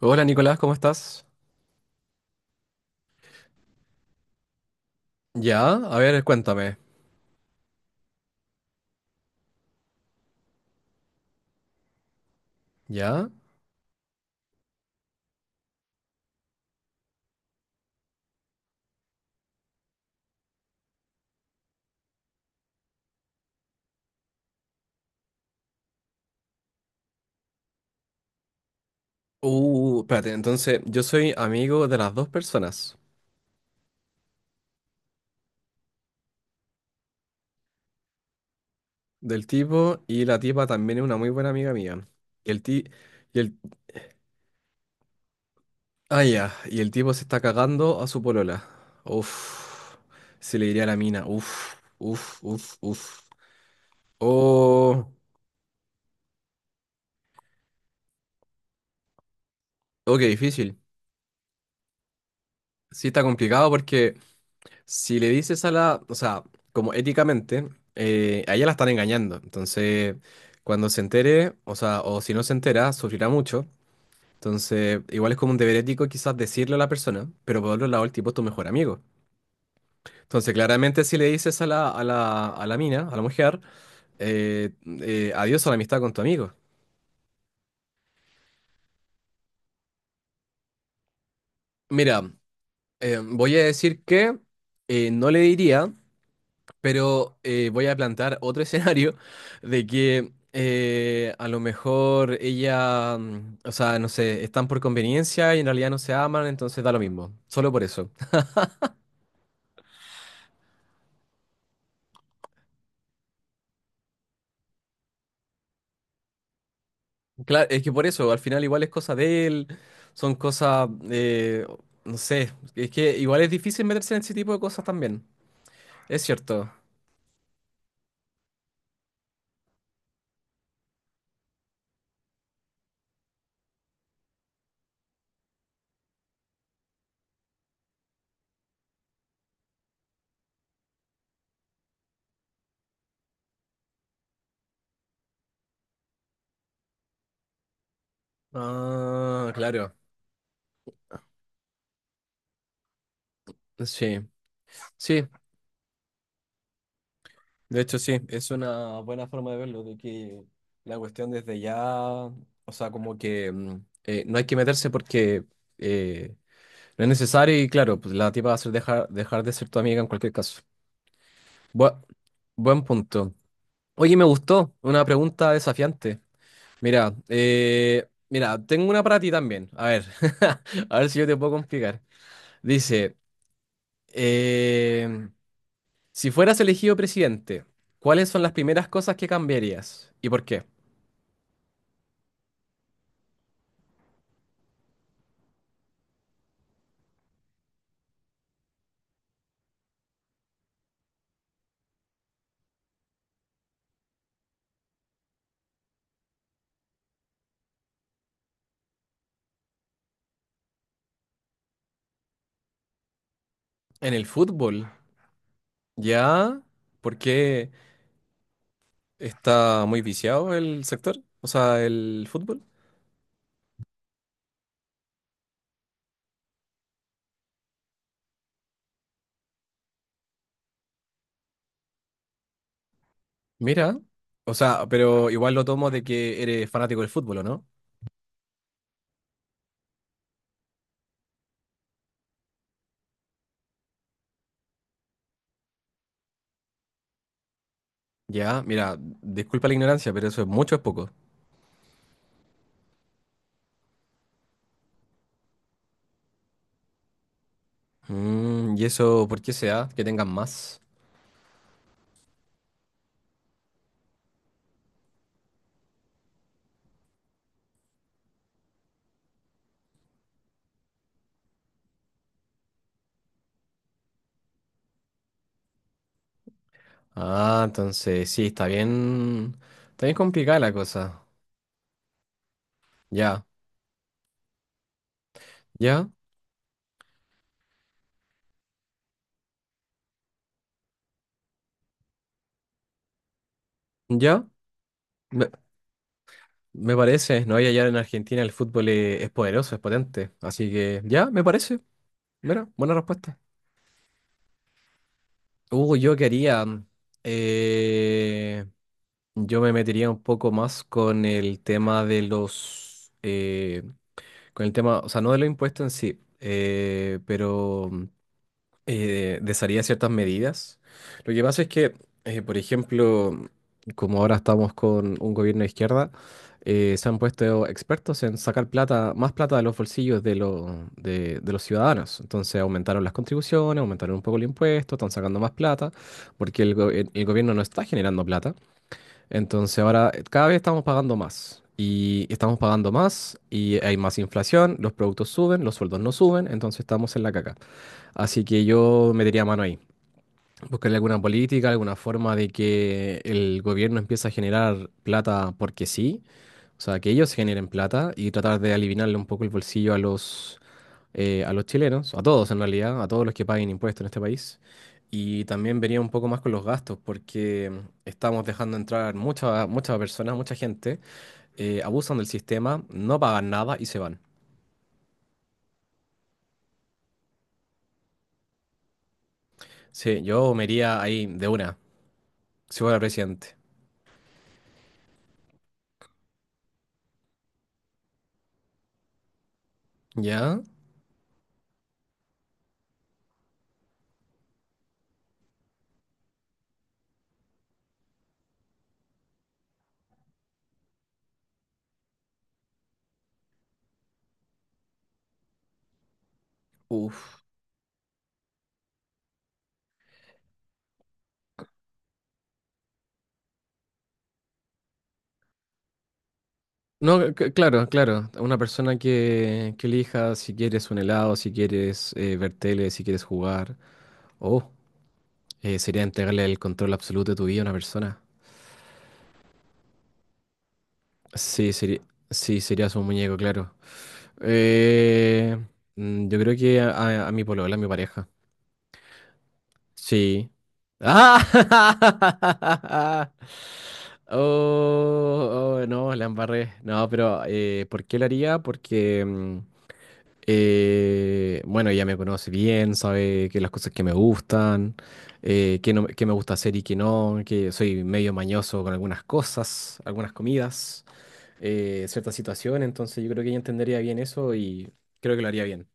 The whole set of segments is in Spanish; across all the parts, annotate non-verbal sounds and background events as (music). Hola Nicolás, ¿cómo estás? Ya, a ver, cuéntame. ¿Ya? Espérate, entonces yo soy amigo de las dos personas, del tipo y la tipa también es una muy buena amiga mía. Y el ti y el ah ya, y el tipo se está cagando a su polola. Uf. Se le diría a la mina. Uf, uf, uf, uf. Oh, oh, qué difícil. Sí, está complicado porque Si le dices a la, o sea, como éticamente, a ella la están engañando. Entonces, cuando se entere, o sea, o si no se entera, sufrirá mucho. Entonces, igual es como un deber ético quizás decirle a la persona, pero por otro lado, el tipo es tu mejor amigo. Entonces, claramente si le dices a la mina, a la mujer, eh, adiós a la amistad con tu amigo. Mira, voy a decir que no le diría. Pero voy a plantear otro (laughs) escenario de que a lo mejor ella, o sea, no sé, están por conveniencia y en realidad no se aman, entonces da lo mismo, solo por eso. (laughs) Claro, es que por eso, al final igual es cosa de él, son cosas, no sé, es que igual es difícil meterse en ese tipo de cosas también, es cierto. Ah, claro, sí, sí. De hecho, sí, es una buena forma de verlo, de que la cuestión desde ya, o sea, como que no hay que meterse porque eh, no es necesario y claro, pues la tipa va a ser dejar de ser tu amiga en cualquier caso. Bua- Buen punto. Oye, me gustó, una pregunta desafiante. Mira, tengo una para ti también. A ver, (laughs) a ver si yo te puedo complicar. Dice, em, si fueras elegido presidente, ¿cuáles son las primeras cosas que cambiarías y por qué? En el fútbol, ¿ya? ¿Por qué está muy viciado el sector? O sea, el fútbol. Mira, o sea, pero igual lo tomo de que eres fanático del fútbol, ¿o no? Ya, mira, disculpa la ignorancia, pero eso es mucho, ¿es poco? ¿Y eso por qué se da? Que tengan más. Ah, entonces sí, está bien. Está bien complicada la cosa. Ya, ya, ya. Me, me parece, ¿no? Y allá en Argentina el fútbol es poderoso, es potente. Así que ya, me parece. Mira, buena respuesta. Yo quería, eh, yo me metería un poco más con el tema de los, con el tema, o sea, no de los impuestos en sí, pero desharía ciertas medidas. Lo que pasa es que, por ejemplo, como ahora estamos con un gobierno de izquierda, se han puesto expertos en sacar plata, más plata de los bolsillos de los ciudadanos. Entonces aumentaron las contribuciones, aumentaron un poco el impuesto, están sacando más plata, porque el gobierno no está generando plata. Entonces ahora cada vez estamos pagando más. Y estamos pagando más y hay más inflación, los productos suben, los sueldos no suben, entonces estamos en la caca. Así que yo metería mano ahí. Buscarle alguna política, alguna forma de que el gobierno empiece a generar plata porque sí, o sea, que ellos generen plata y tratar de aliviarle un poco el bolsillo a a los chilenos, a todos en realidad, a todos los que paguen impuestos en este país. Y también vería un poco más con los gastos, porque estamos dejando entrar muchas personas, mucha gente, abusan del sistema, no pagan nada y se van. Sí, yo me iría ahí de una, si fuera presidente. ¿Ya? Uf. No, claro, claro. Una persona que elija si quieres un helado, si quieres ver tele, si quieres jugar. O sería entregarle el control absoluto de tu vida a una persona. Sí, sería, sí, serías un muñeco, claro. Eh, yo creo que a mi polola, a mi pareja. Sí. ¡Ah! (laughs) Oh, oh, no, la embarré. No, pero ¿por qué la haría? Porque... eh, bueno, ella me conoce bien, sabe que las cosas que me gustan, que no, que me gusta hacer y que no, que soy medio mañoso con algunas cosas, algunas comidas, ciertas situaciones, entonces yo creo que ella entendería bien eso y creo que lo haría bien.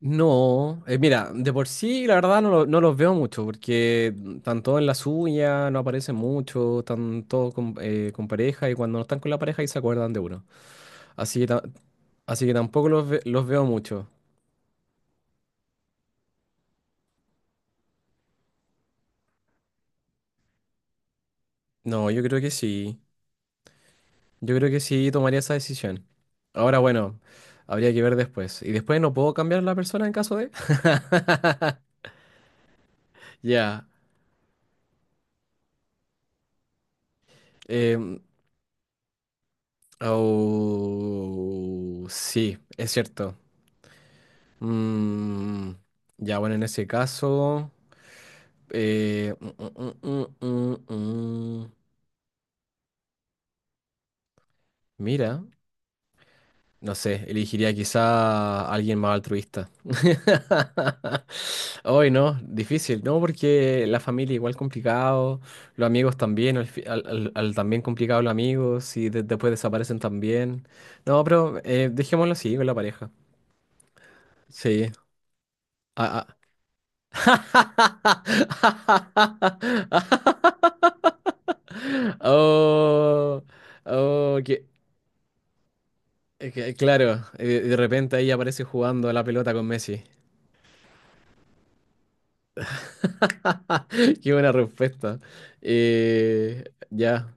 No, mira, de por sí la verdad no, no los veo mucho porque están todos en la suya, no aparecen mucho, están todos con pareja y cuando no están con la pareja ahí se acuerdan de uno. Así que, así que tampoco los veo mucho. No, yo creo que sí, yo creo que sí tomaría esa decisión. Ahora bueno, habría que ver después. Y después no puedo cambiar la persona en caso de... (laughs) Ya, em, sí, es cierto. Mm, ya, bueno, en ese caso, eh, mm, mm, mm, mm, mm, mm. Mira, no sé, elegiría quizá a alguien más altruista. (laughs) Hoy no, difícil, ¿no? Porque la familia igual complicado, los amigos también, al, fi- al- al- al también complicado los amigos, y después desaparecen también. No, pero dejémoslo así, con la pareja. Sí. Ah, ah. (laughs) Oh, oh, que, claro, de repente ahí aparece jugando a la pelota con Messi. (laughs) Qué buena respuesta. Eh, ya.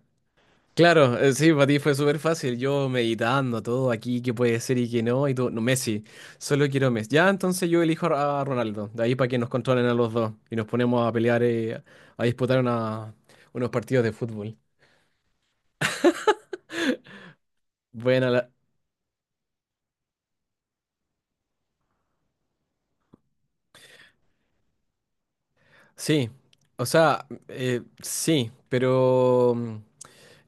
Claro, sí, para ti fue súper fácil. Yo meditando todo aquí, qué puede ser y qué no, y tú, no, Messi, solo quiero Messi. Ya, entonces yo elijo a Ronaldo, de ahí para que nos controlen a los dos y nos ponemos a pelear, a disputar unos partidos de fútbol. Buena, sí, o sea, sí, pero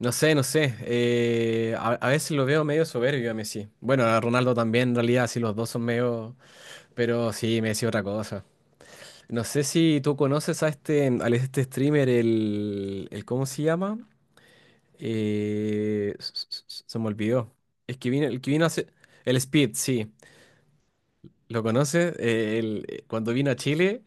no sé, no sé. A veces lo veo medio soberbio a Messi. Bueno, a Ronaldo también, en realidad, sí, los dos son medio. Pero sí, Messi otra cosa. No sé si tú conoces a este, al este streamer, el, el. ¿Cómo se llama? Se me olvidó. Es que vino, el que vino hace. El Speed, sí. ¿Lo conoces? Él, cuando vino a Chile,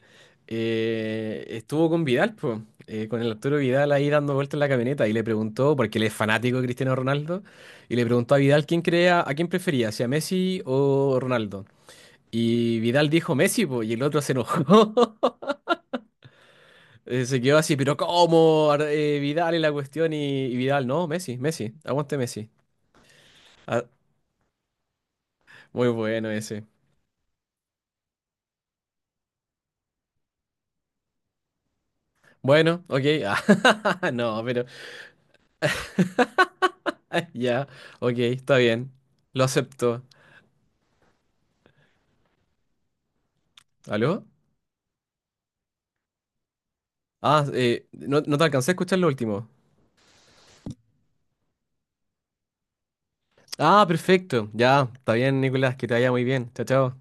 estuvo con Vidal, po, con el Arturo Vidal ahí dando vueltas en la camioneta y le preguntó, porque él es fanático de Cristiano Ronaldo, y le preguntó a Vidal quién creía, a quién prefería, si a Messi o Ronaldo. Y Vidal dijo Messi, po, y el otro se enojó. (laughs) Se quedó así, pero ¿cómo? Vidal es la cuestión y Vidal, no, Messi, Messi, aguante Messi. Ah, muy bueno ese. Bueno, ok. (laughs) ah, (laughs) no, pero... Ya, ok, está bien. Lo acepto. ¿Aló? Ah, no, no te alcancé a escuchar lo último. Ah, perfecto. Ya, está bien, Nicolás, que te vaya muy bien. Chao, chao.